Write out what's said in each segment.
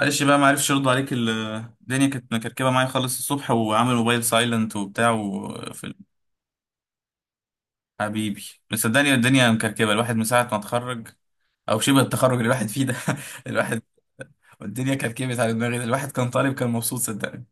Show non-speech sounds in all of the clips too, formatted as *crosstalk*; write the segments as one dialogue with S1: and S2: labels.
S1: معلش بقى ما عرفش يرد عليك الدنيا كانت مكركبه معايا خالص الصبح وعامل موبايل سايلنت وبتاع وفي حبيبي، مصدقني الدنيا مكركبه، الواحد من ساعه ما اتخرج، او شبه التخرج اللي الواحد فيه ده. *laughs* الواحد الدنيا كركبت على دماغي، الواحد كان طالب كان مبسوط صدقني.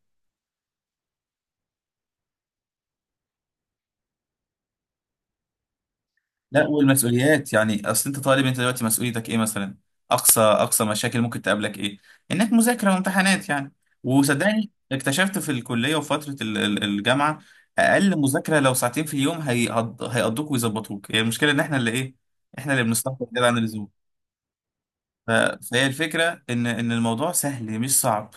S1: لا، والمسؤوليات، يعني اصل انت طالب، انت دلوقتي مسؤوليتك ايه مثلا؟ اقصى اقصى مشاكل ممكن تقابلك ايه؟ انك مذاكره وامتحانات يعني. وصدقني اكتشفت في الكليه وفتره الجامعه، اقل مذاكره لو ساعتين في اليوم هيقضوك ويظبطوك. هي المشكله ان احنا اللي ايه، احنا اللي بنستهتر كده عن اللزوم. ف- فهي الفكره ان الموضوع سهل مش صعب.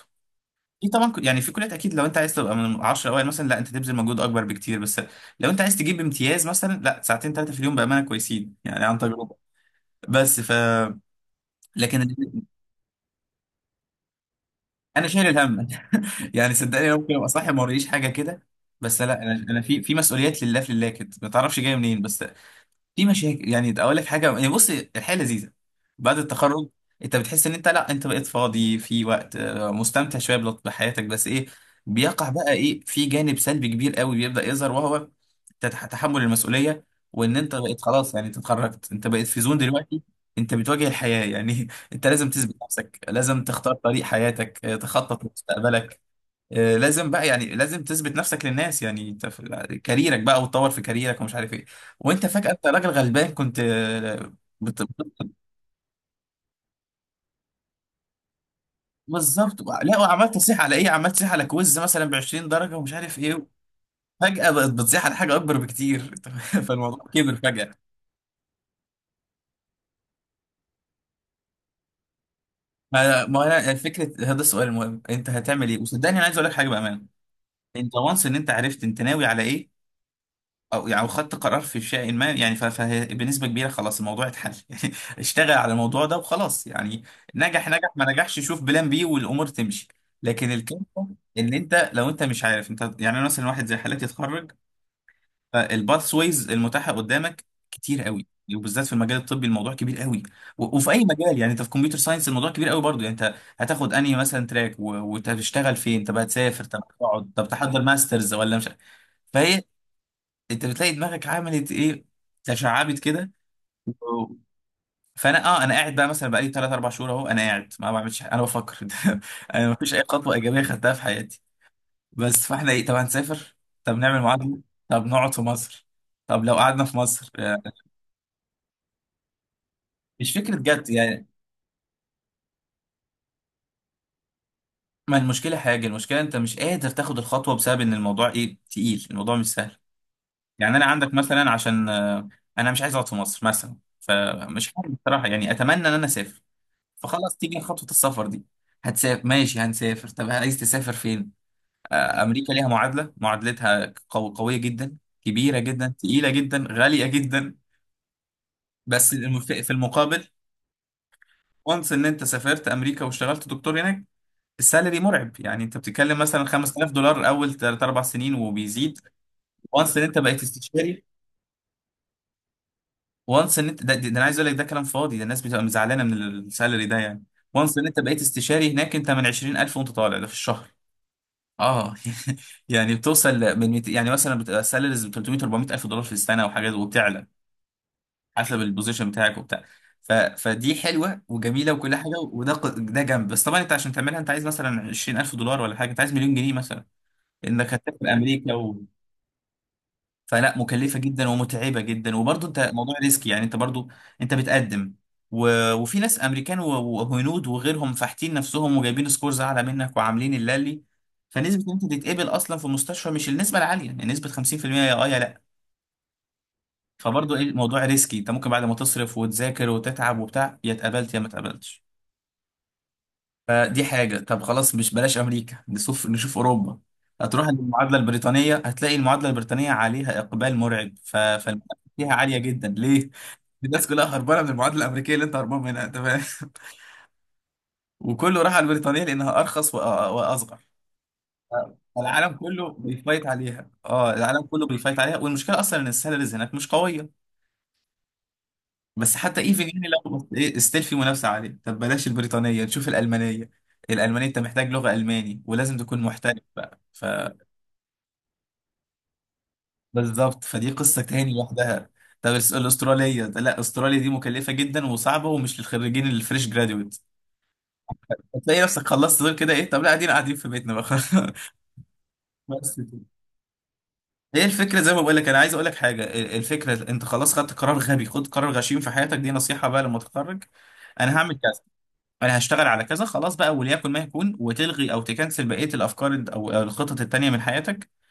S1: في طبعا يعني في كليات، اكيد لو انت عايز تبقى من 10 اوائل مثلا لا انت تبذل مجهود اكبر بكتير. بس لو انت عايز تجيب امتياز مثلا لا ساعتين ثلاثه في اليوم بامانه كويسين يعني، عن تجربه. بس ف لكن ال- انا شايل الهم. *laughs* يعني صدقني ممكن ابقى صاحي ما وريش حاجه كده. بس لا، انا في مسؤوليات لله في الله كده ما تعرفش جايه منين بس. في مشاكل، يعني اقول لك حاجه، يعني بص، الحياه لذيذه بعد التخرج. انت بتحس ان انت، لا انت بقيت فاضي في وقت، مستمتع شويه بحياتك. بس ايه بيقع بقى، ايه في جانب سلبي كبير قوي بيبدا يظهر، وهو تحمل المسؤوليه. وان انت بقيت خلاص يعني، انت اتخرجت، انت بقيت في زون دلوقتي. انت بتواجه الحياه يعني *laughs* انت لازم تثبت نفسك، لازم تختار طريق حياتك، تخطط لمستقبلك. لازم بقى يعني، لازم تثبت نفسك للناس يعني. انت في كاريرك بقى وتطور في كاريرك ومش عارف ايه. وانت فجأة انت راجل غلبان كنت. بت- بالظبط. لا وعمال تصيح على ايه، عمال تصيح على كويز مثلا ب 20 درجة ومش عارف ايه. فجأة بقت بتصيح على حاجة اكبر بكتير *laughs* فالموضوع كبر فجأة. ما انا، فكرة هذا السؤال المهم انت هتعمل ايه. وصدقني انا عايز اقول لك حاجة بأمانة، انت وانس ان انت عرفت انت ناوي على ايه، او يعني خدت قرار في شيء ما يعني. فبنسبه كبيره خلاص الموضوع اتحل *laughs* يعني. اشتغل على الموضوع ده وخلاص يعني، نجح نجح ما نجحش شوف بلان بي والامور تمشي. لكن الكلمه ان انت لو انت مش عارف انت، يعني أنا مثلا واحد زي حالاتي اتخرج، فالباث ويز المتاحه قدامك كتير قوي. وبالذات في المجال الطبي الموضوع كبير قوي. وفي اي مجال يعني، انت في كمبيوتر ساينس الموضوع كبير قوي برضه. يعني انت هتاخد انهي مثلا تراك، وتشتغل فين؟ طب هتسافر؟ طب هتقعد؟ طب تحضر ماسترز ولا مش؟ فهي، انت بتلاقي دماغك عملت ايه، تشعبت كده. و- فانا انا قاعد بقى مثلا بقالي 3 4 شهور اهو، انا قاعد ما بعملش حاجة، انا بفكر *laughs* انا ما فيش اي خطوه ايجابيه خدتها في حياتي بس. فاحنا ايه، طب هنسافر؟ طب نعمل معادله؟ طب نقعد في مصر؟ طب لو قعدنا في مصر يعني، مش فكره جد يعني. ما المشكله حاجه، المشكله انت مش قادر تاخد الخطوه بسبب ان الموضوع ايه، تقيل. الموضوع مش سهل. يعني انا عندك مثلا عشان انا مش عايز اقعد في مصر مثلا، فمش عارف بصراحه يعني. اتمنى ان انا اسافر. فخلاص تيجي خطوة السفر دي. هتسافر ماشي، هنسافر. طب عايز تسافر فين؟ أمريكا ليها معادلة، معادلتها قوية جدا، كبيرة جدا، تقيلة جدا، غالية جدا. بس في المقابل وانس ان انت سافرت امريكا واشتغلت دكتور هناك، السالري مرعب. يعني انت بتتكلم مثلا 5000 دولار اول 3 4 سنين وبيزيد. وانس ان انت بقيت استشاري، وانس ان انت ده. انا عايز اقول لك ده كلام فاضي، ده الناس بتبقى مزعلانه من السالري ده يعني. وانس ان انت بقيت استشاري هناك، انت من 20,000 وانت طالع ده في الشهر. اه *laughs* يعني بتوصل من يعني مثلا بتبقى سالاريز ب 300 400 الف دولار في السنه وحاجات، وبتعلى حسب البوزيشن بتاعك وبتاع. فدي حلوه وجميله وكل حاجه، وده ده جنب. بس طبعا انت عشان تعملها انت عايز مثلا 20,000 دولار ولا حاجه، انت عايز مليون جنيه مثلا انك هتسافر امريكا. فلا، مكلفة جدا ومتعبة جدا، وبرضه انت موضوع ريسك يعني. انت برضه انت بتقدم، وفي ناس امريكان وهنود وغيرهم فاحتين نفسهم وجايبين سكورز اعلى منك وعاملين اللالي. فنسبة ان انت تتقبل اصلا في المستشفى مش النسبة العالية، يعني نسبة 50% يا اه يا لا. فبرضه ايه، الموضوع ريسكي، انت ممكن بعد ما تصرف وتذاكر وتتعب وبتاع، يا اتقبلت يا ما اتقبلتش. فدي حاجة. طب خلاص مش بلاش أمريكا، نشوف نشوف أوروبا. هتروح المعادلة البريطانية، هتلاقي المعادلة البريطانية عليها إقبال مرعب. فالمنافسة فيها عالية جدا، ليه؟ *laughs* الناس كلها هربانة من المعادلة الأمريكية اللي أنت هربان منها أنت، فاهم؟ *laughs* وكله راح على البريطانية لأنها أرخص وأصغر. العالم كله بيفايت عليها، العالم كله بيفايت عليها. والمشكله اصلا ان السالاريز هناك مش قويه. بس حتى ايفن يعني لو ايه ستيل في منافسه عاليه. طب بلاش البريطانيه نشوف الالمانيه، الالمانيه انت محتاج لغه الماني ولازم تكون محترف بقى. بالظبط، فدي قصة تاني لوحدها. طب الأسترالية، لا، أستراليا دي مكلفة جدا وصعبة ومش للخريجين اللي فريش جراديويت. هتلاقي نفسك خلصت دول كده ايه، طب لا قاعدين قاعدين في بيتنا بقى *laughs* بس كده ايه الفكرة. زي ما بقول لك انا عايز اقول لك حاجة. الفكرة انت خلاص خدت قرار، غبي خد قرار غشيم في حياتك. دي نصيحة بقى، لما تتخرج انا هعمل كذا، انا هشتغل على كذا، خلاص بقى وليكن ما يكون. وتلغي او تكنسل بقية الافكار او الخطط التانية من حياتك.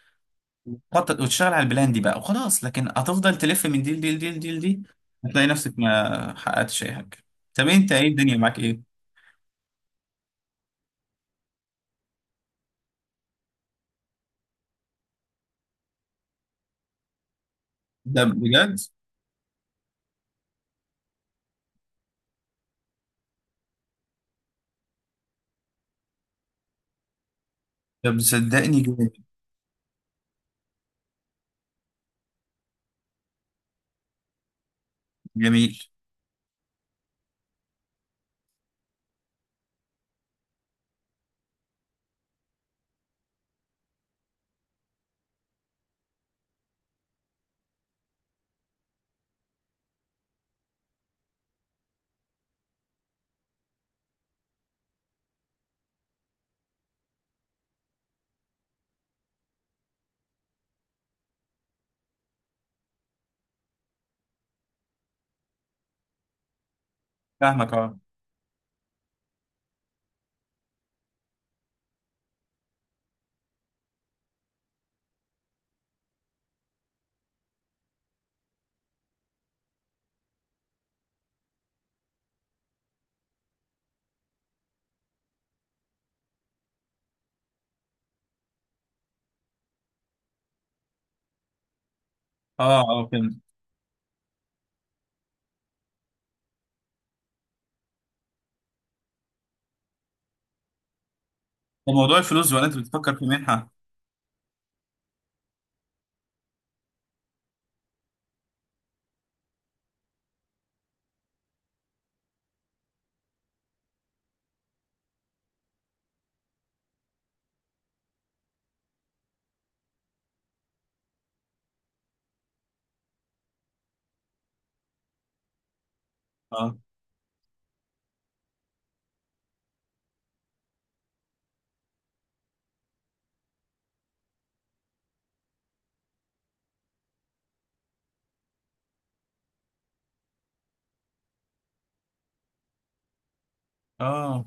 S1: خطط وتشتغل على البلان دي بقى وخلاص. لكن هتفضل تلف من دي لدي لدي لدي لدي، هتلاقي نفسك ما حققتش اي حاجه. طب انت ايه الدنيا معاك ايه؟ ده بجد؟ طب صدقني جميل. جميل، فاهمك. اه، اه، اه فهمت. طب موضوع الفلوس ولا انت بتفكر في منحه؟ اه، اه،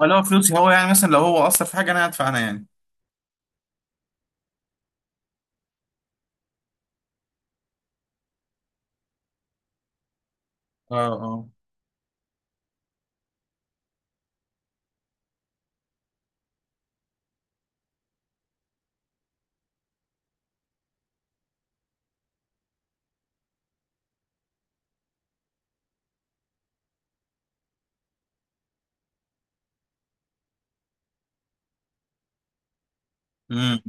S1: لو فلوسي هو يعني، مثلا لو هو اثر في حاجه انا هدفع انا يعني. اه، اه، امم.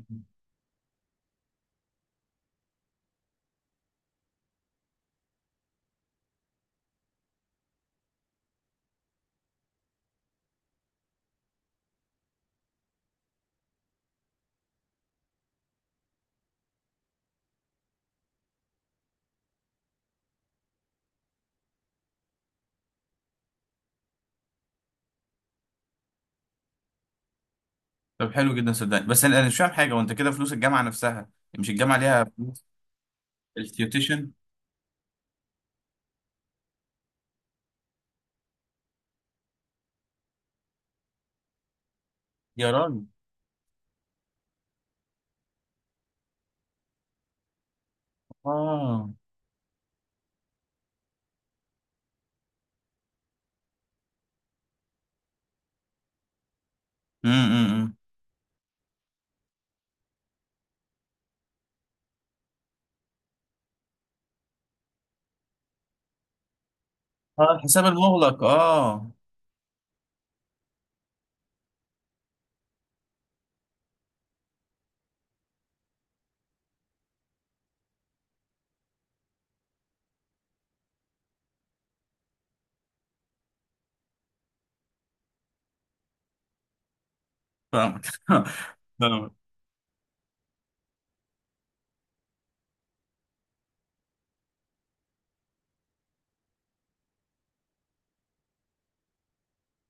S1: طب حلو جدا صدقني. بس انا، مش فاهم حاجه وانت كده. فلوس الجامعه نفسها، مش الجامعه ليها فلوس؟ التيوتيشن. يا راجل. اه. امم. اه، الحساب المغلق. اه، فاهمك *laughs* فاهمك.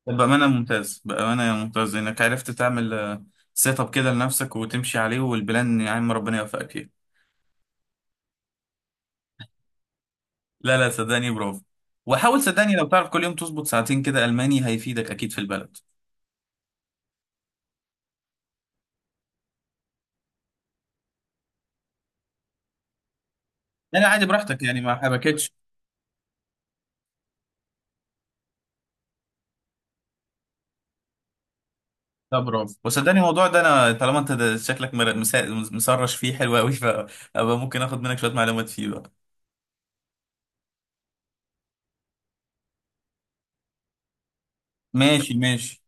S1: بأمانة ممتاز، بأمانة ممتاز إنك عرفت تعمل سيت اب كده لنفسك وتمشي عليه. والبلان يا عم ربنا يوفقك فيه. لا لا، صدقني برافو. وحاول، صدقني لو تعرف كل يوم تظبط ساعتين كده ألماني هيفيدك أكيد في البلد. يعني عادي براحتك يعني، ما حبكتش. لا برافو. وصدقني الموضوع ده، أنا طالما أنت ده شكلك مسرش فيه، حلو أوي، فأبقى ممكن آخد منك شوية معلومات فيه بقى. ماشي ماشي.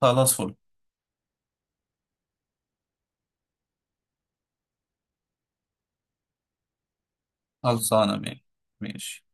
S1: خلاص فل خلصانة ماشي. ماشي.